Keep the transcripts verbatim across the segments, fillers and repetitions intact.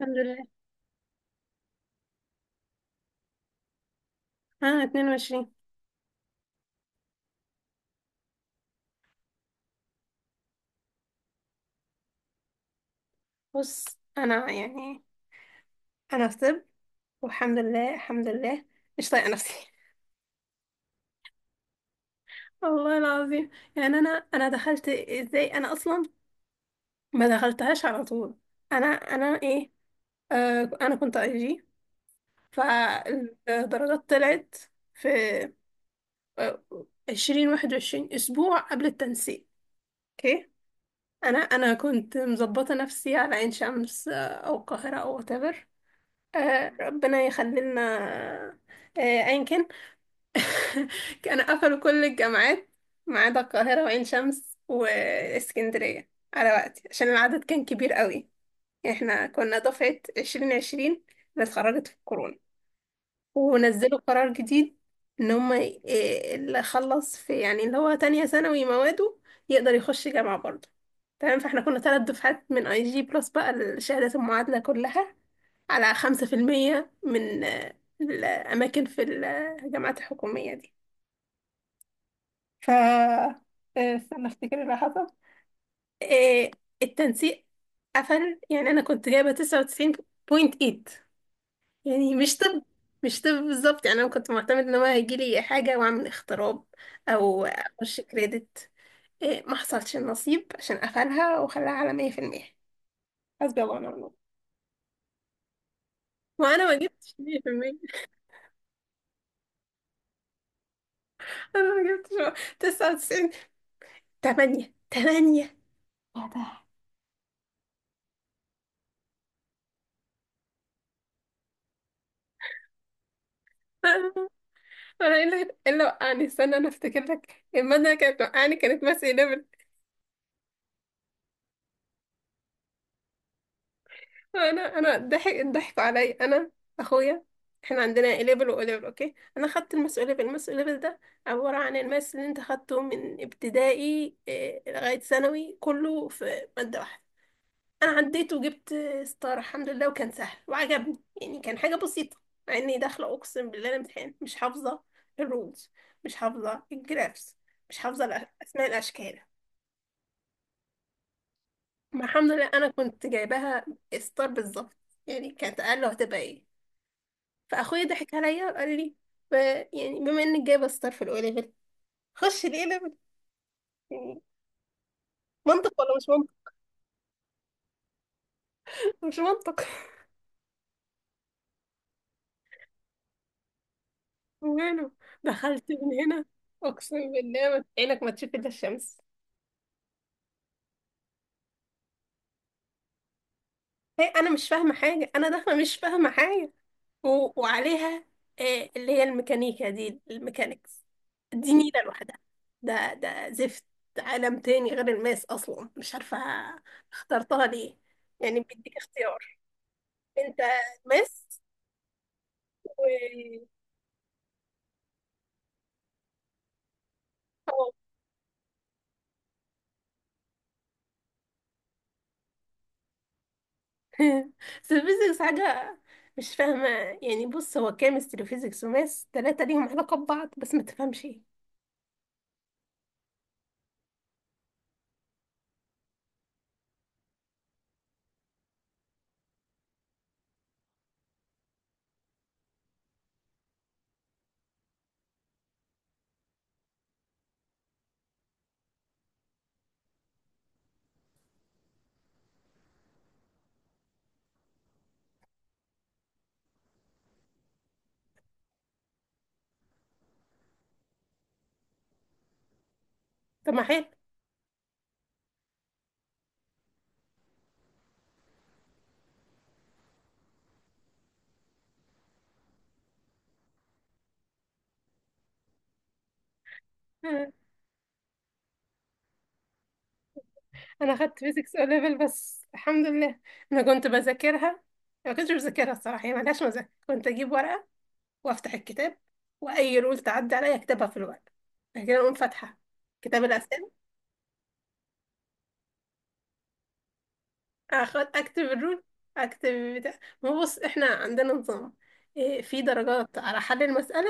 الحمد لله. انا اثنان وعشرون. بص، انا يعني انا في طب، والحمد لله الحمد لله، مش طايقه نفسي. والله العظيم. يعني انا انا دخلت ازاي؟ انا اصلا ما دخلتهاش على طول. انا انا ايه آه انا كنت اي جي، فالدرجات طلعت في آه، عشرين واحد وعشرين اسبوع قبل التنسيق. اوكي، انا انا كنت مظبطه نفسي على عين شمس آه، او القاهره او whatever، آه ربنا يخلي لنا. آه أيا كان، كانوا قفلوا كل الجامعات ما عدا القاهرة وعين شمس واسكندرية على وقتي عشان العدد كان كبير قوي. احنا كنا دفعة عشرين عشرين، اللي اتخرجت في الكورونا. ونزلوا قرار جديد ان هم آه، اللي خلص في يعني اللي هو تانية ثانوي مواده يقدر يخش جامعة برضه. تمام، فاحنا كنا ثلاث دفعات من اي جي بلس بقى الشهادات المعادلة كلها على خمسة في المية من آه، الأماكن في الجامعات الحكومية دي. ف آه، استنى افتكر اللي حصل. آه، التنسيق قفل. يعني أنا كنت جايبة تسعة وتسعين بوينت ايت، يعني مش طب، مش طب بالظبط. يعني أنا كنت معتمد إن هو هيجيلي حاجة وأعمل اختراب أو أخش كريدت. آه، ما حصلش النصيب عشان قفلها وخلاها على مية في المية. حسبي الله ونعم الوكيل. وأنا ما جبتش مية في المية، أنا ما جبتش تسعة وتسعين تمانية يا ده. انا ايه اللي إيه اللي وقعني؟ استنى انا افتكر لك، المادة اللي كانت وقعني كانت ماس اي ليفل. انا انا ضحك ضحكوا عليا انا اخويا احنا عندنا اي ليفل واو ليفل، اوكي، انا خدت الماس اي ليفل. الماس اي ليفل ده عبارة عن الماس اللي انت خدته من ابتدائي إيه، لغاية ثانوي كله في مادة واحدة. انا عديت وجبت ستار الحمد لله، وكان سهل وعجبني، يعني كان حاجه بسيطه، مع اني داخله اقسم بالله الامتحان مش حافظه الرولز، مش حافظه الجرافس، مش حافظه الأ- اسماء الاشكال. ما الحمد لله انا كنت جايباها ستار بالظبط، يعني كانت اقل هتبقى ايه. فاخويا ضحك عليا وقال لي ب... يعني بما انك جايبه ستار في الاولى ليفل، خش الاي ليفل. يعني منطق ولا مش منطق؟ مش منطق. وماله، دخلت من هنا. اقسم بالله ما- عينك ما تشوف الا الشمس. هي انا مش فاهمه حاجه، انا داخله مش فاهمه حاجه و... وعليها آه اللي هي الميكانيكا دي، الميكانيكس دي نيله لوحدها. ده ده زفت. ده عالم تاني غير الماس اصلا، مش عارفه اخترتها ليه، يعني بيديك اختيار، انت ماس و أو. بس الفيزيكس حاجه مش فاهمه. يعني بص، هو كيمستري وفيزيكس وماس، تلاتة ليهم علاقه ببعض بس ما تفهمش ايه. طب ما حلو، انا خدت فيزيكس او ليفل بس الحمد لله. انا كنت بذاكرها، ما كنتش بذاكرها الصراحه. هي ملهاش مذاكره، كنت اجيب ورقه وافتح الكتاب واي رول تعدي عليا اكتبها في الورقه. بعد كده اقوم فاتحه كتاب الاسئله، اخد اكتب الرول، اكتب بتاع، ما هو بص احنا عندنا نظام إيه، في درجات على حل المساله،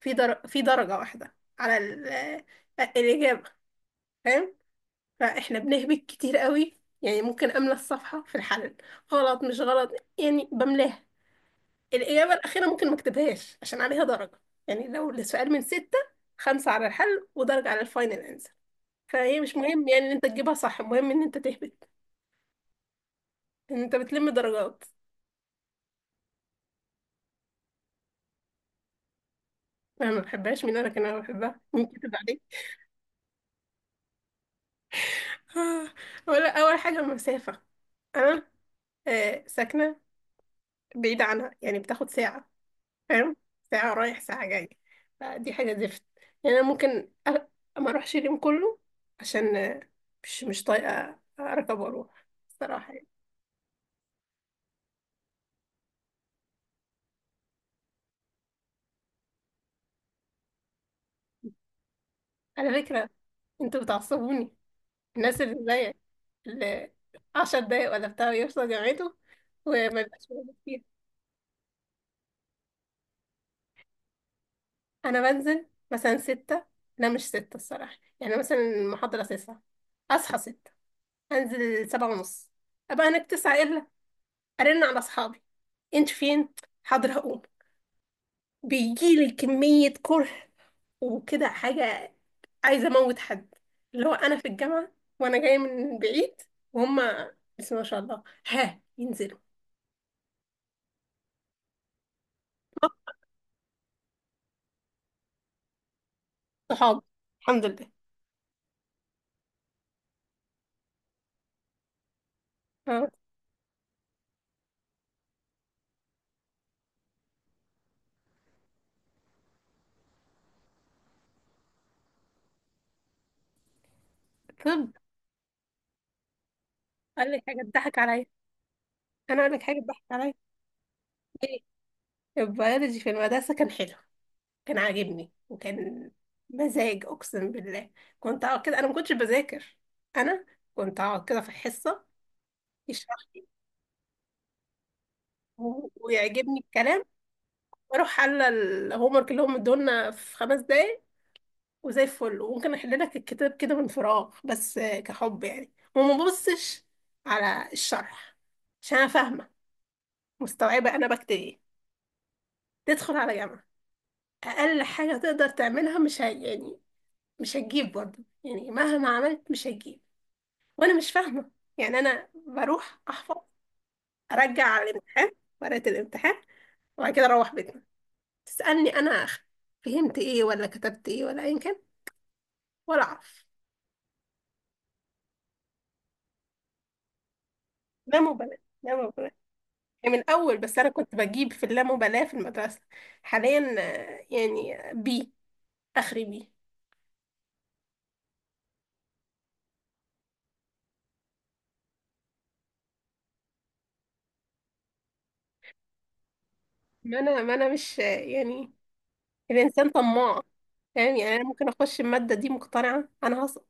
في در... في درجه واحده على ال... الاجابه، فاهم؟ فاحنا بنهبط كتير قوي، يعني ممكن املى الصفحه في الحل غلط مش غلط، يعني بملاها. الإجابة الأخيرة ممكن ما اكتبهاش عشان عليها درجة. يعني لو السؤال من ستة، خمسة على الحل ودرجة على الفاينل أنسر، فهي مش مهم يعني إن أنت تجيبها صح، المهم إن أنت تهبط، إن أنت بتلم درجات. أنا ما بحبهاش، مين أنا كان أنا بحبها؟ مين كتب عليك آه، ولا، أول حاجة المسافة. أنا آه ساكنة بعيدة عنها، يعني بتاخد ساعة، فاهم؟ ساعة رايح ساعة جاي، فدي حاجة زفت. يعني أنا ممكن أ- ما أروحش اليوم كله عشان آه، مش مش طايقة أركب وأروح الصراحة يعني. على فكرة انتوا بتعصبوني، الناس اللي زيك، اللي عشر دقايق ولا بتاع يوصل جامعته وما يبقاش موجود فيها. انا بنزل مثلا ستة، لا مش ستة الصراحة، يعني مثلا المحاضرة تسعة، اصحى ستة، انزل سبعة ونص، ابقى هناك تسعة الا، ارن على اصحابي، انت فين؟ حاضر هقوم. بيجيلي كمية كره وكده حاجة عايزة اموت حد، اللي هو انا في الجامعة وانا جاية من بعيد، وهم بسم الله ما شاء الله ها ينزل. صحاب الحمد لله. اه. طب قال لك حاجة تضحك عليا، انا اقول لك حاجه تضحك عليا. ايه، البيولوجي في المدرسه كان حلو، كان عاجبني، وكان مزاج اقسم بالله. كنت اقعد كده، انا ما كنتش بذاكر، انا كنت اقعد كده في الحصه يشرح لي و- ويعجبني الكلام، واروح حل الهوم ورك اللي هم ادولنا في خمس دقايق وزي الفل، وممكن احل لك الكتاب كده من فراغ بس كحب، يعني وما ببصش على الشرح عشان انا فاهمه، مستوعبة أنا بكتب إيه. تدخل على جامعة، أقل حاجة تقدر تعملها مش ه... يعني مش هتجيب برضه، يعني مهما عملت مش هتجيب، وأنا مش فاهمة. يعني أنا بروح أحفظ، أرجع على الامتحان، ورقة الامتحان، وبعد كده أروح بيتنا، تسألني أنا أخ- فهمت إيه ولا كتبت إيه ولا أيا كان، ولا أعرف. لا مبالاة، لا مبالاة. يعني من أول بس أنا كنت بجيب في اللامبالاة في المدرسة، حاليا آه، يعني بي، آخري بي. ما أنا، ما أنا مش آه، يعني، الانسان طماع، فاهم؟ يعني انا ممكن اخش الماده دي مقتنعه انا هسقط.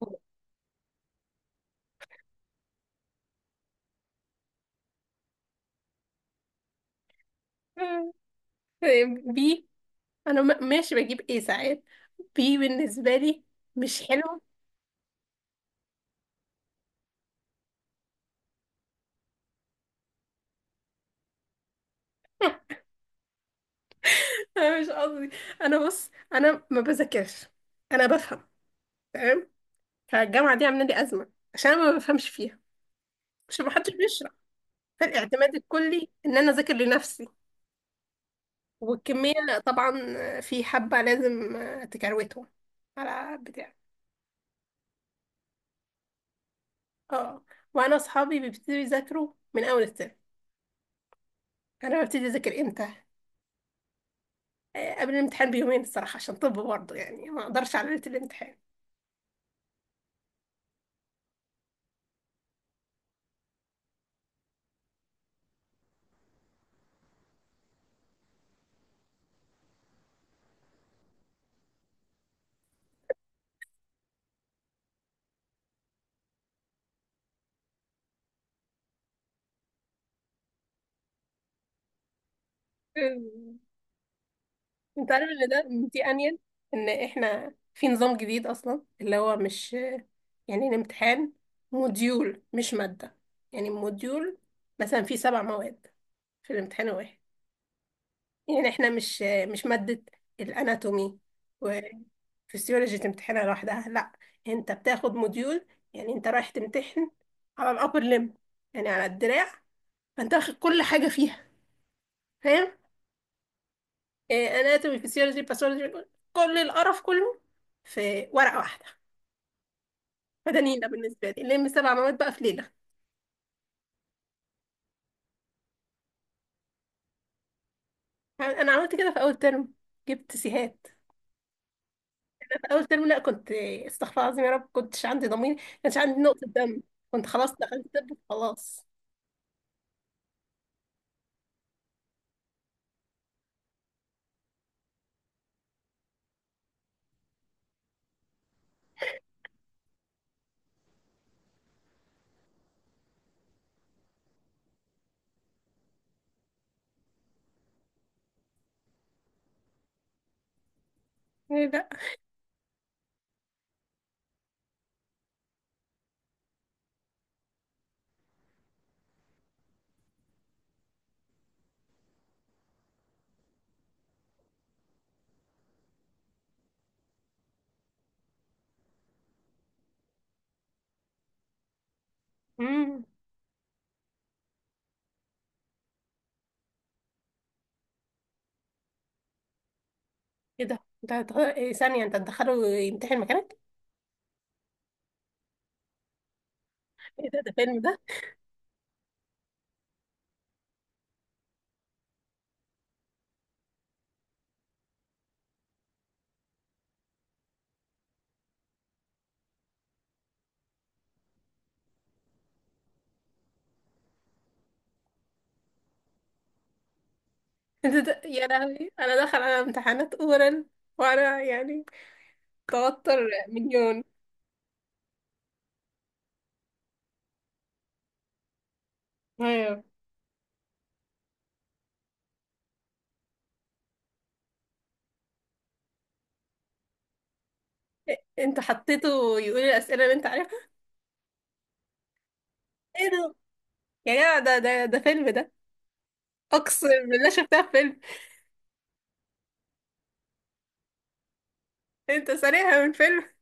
بي، انا م- ماشي بجيب ايه ساعات. بي بالنسبه لي مش حلو. انا مش قصدي، انا بص انا ما بذاكرش، انا بفهم تمام. فالجامعه دي عامله لي ازمه عشان انا ما بفهمش فيها، مش، محدش بيشرح، فالاعتماد الكلي ان انا اذاكر لنفسي، والكميه طبعا في حبه لازم تكروتهم على بتاع. اه. وانا اصحابي بيبتدوا يذاكروا من اول الترم، انا ببتدي اذاكر امتى؟ آه، قبل الامتحان بيومين الصراحه، عشان طب برضه يعني ما اقدرش على ليله الامتحان. أمم. انت عارف ان ده دي انيل، ان احنا في نظام جديد اصلا، اللي هو مش يعني الامتحان موديول مش ماده، يعني موديول مثلا في سبع مواد في الامتحان الواحد. يعني احنا مش مش مادة الاناتومي وفسيولوجي تمتحنها لوحدها، لا، انت بتاخد موديول، يعني انت رايح تمتحن على الابر ليم، يعني على الدراع، فانت واخد كل حاجة فيها، فاهم؟ إيه، اناتومي، فسيولوجي، باثولوجي، كل القرف كله في ورقة واحدة. فده نيلة بالنسبة لي، لم سبع مواد بقى في ليلة. انا عملت كده في اول ترم، جبت سيهات. اول ترم لا، كنت، استغفر الله العظيم يا رب، كنتش عندي ضمير، كانش عندي نقطة دم، كنت خلاص دخلت طب خلاص. إيه، لا. امم. ايه ده ده هتغ- إيه؟ ثانية انت تدخله يمتحن مكانك؟ ايه ده، ده فيلم ده؟ ايه ده, ده يا لهوي، انا داخل على امتحانات اورال، وانا يعني توتر مليون. ايوه. إيه، انت حطيته يقول الاسئلة اللي انت عارفها؟ ايه ده؟ يا جماعة ده ده ده فيلم ده، اقسم بالله شفتها في فيلم. انت سريعة من فيلم.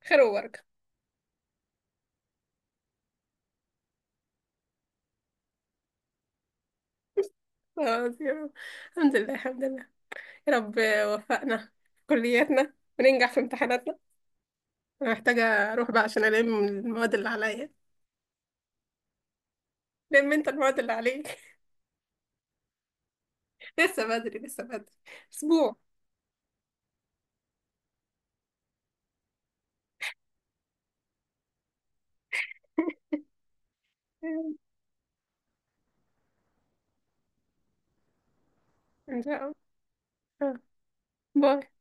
خير وبركة. خلاص يا رب. الحمد لله الحمد لله، يا رب وفقنا في كلياتنا وننجح في امتحاناتنا. انا محتاجة اروح بقى عشان الم المواد اللي عليا. لم انت المواد اللي عليك. لسه بدري، لسه بدري، اسبوع. ان شاء الله. آه. باي.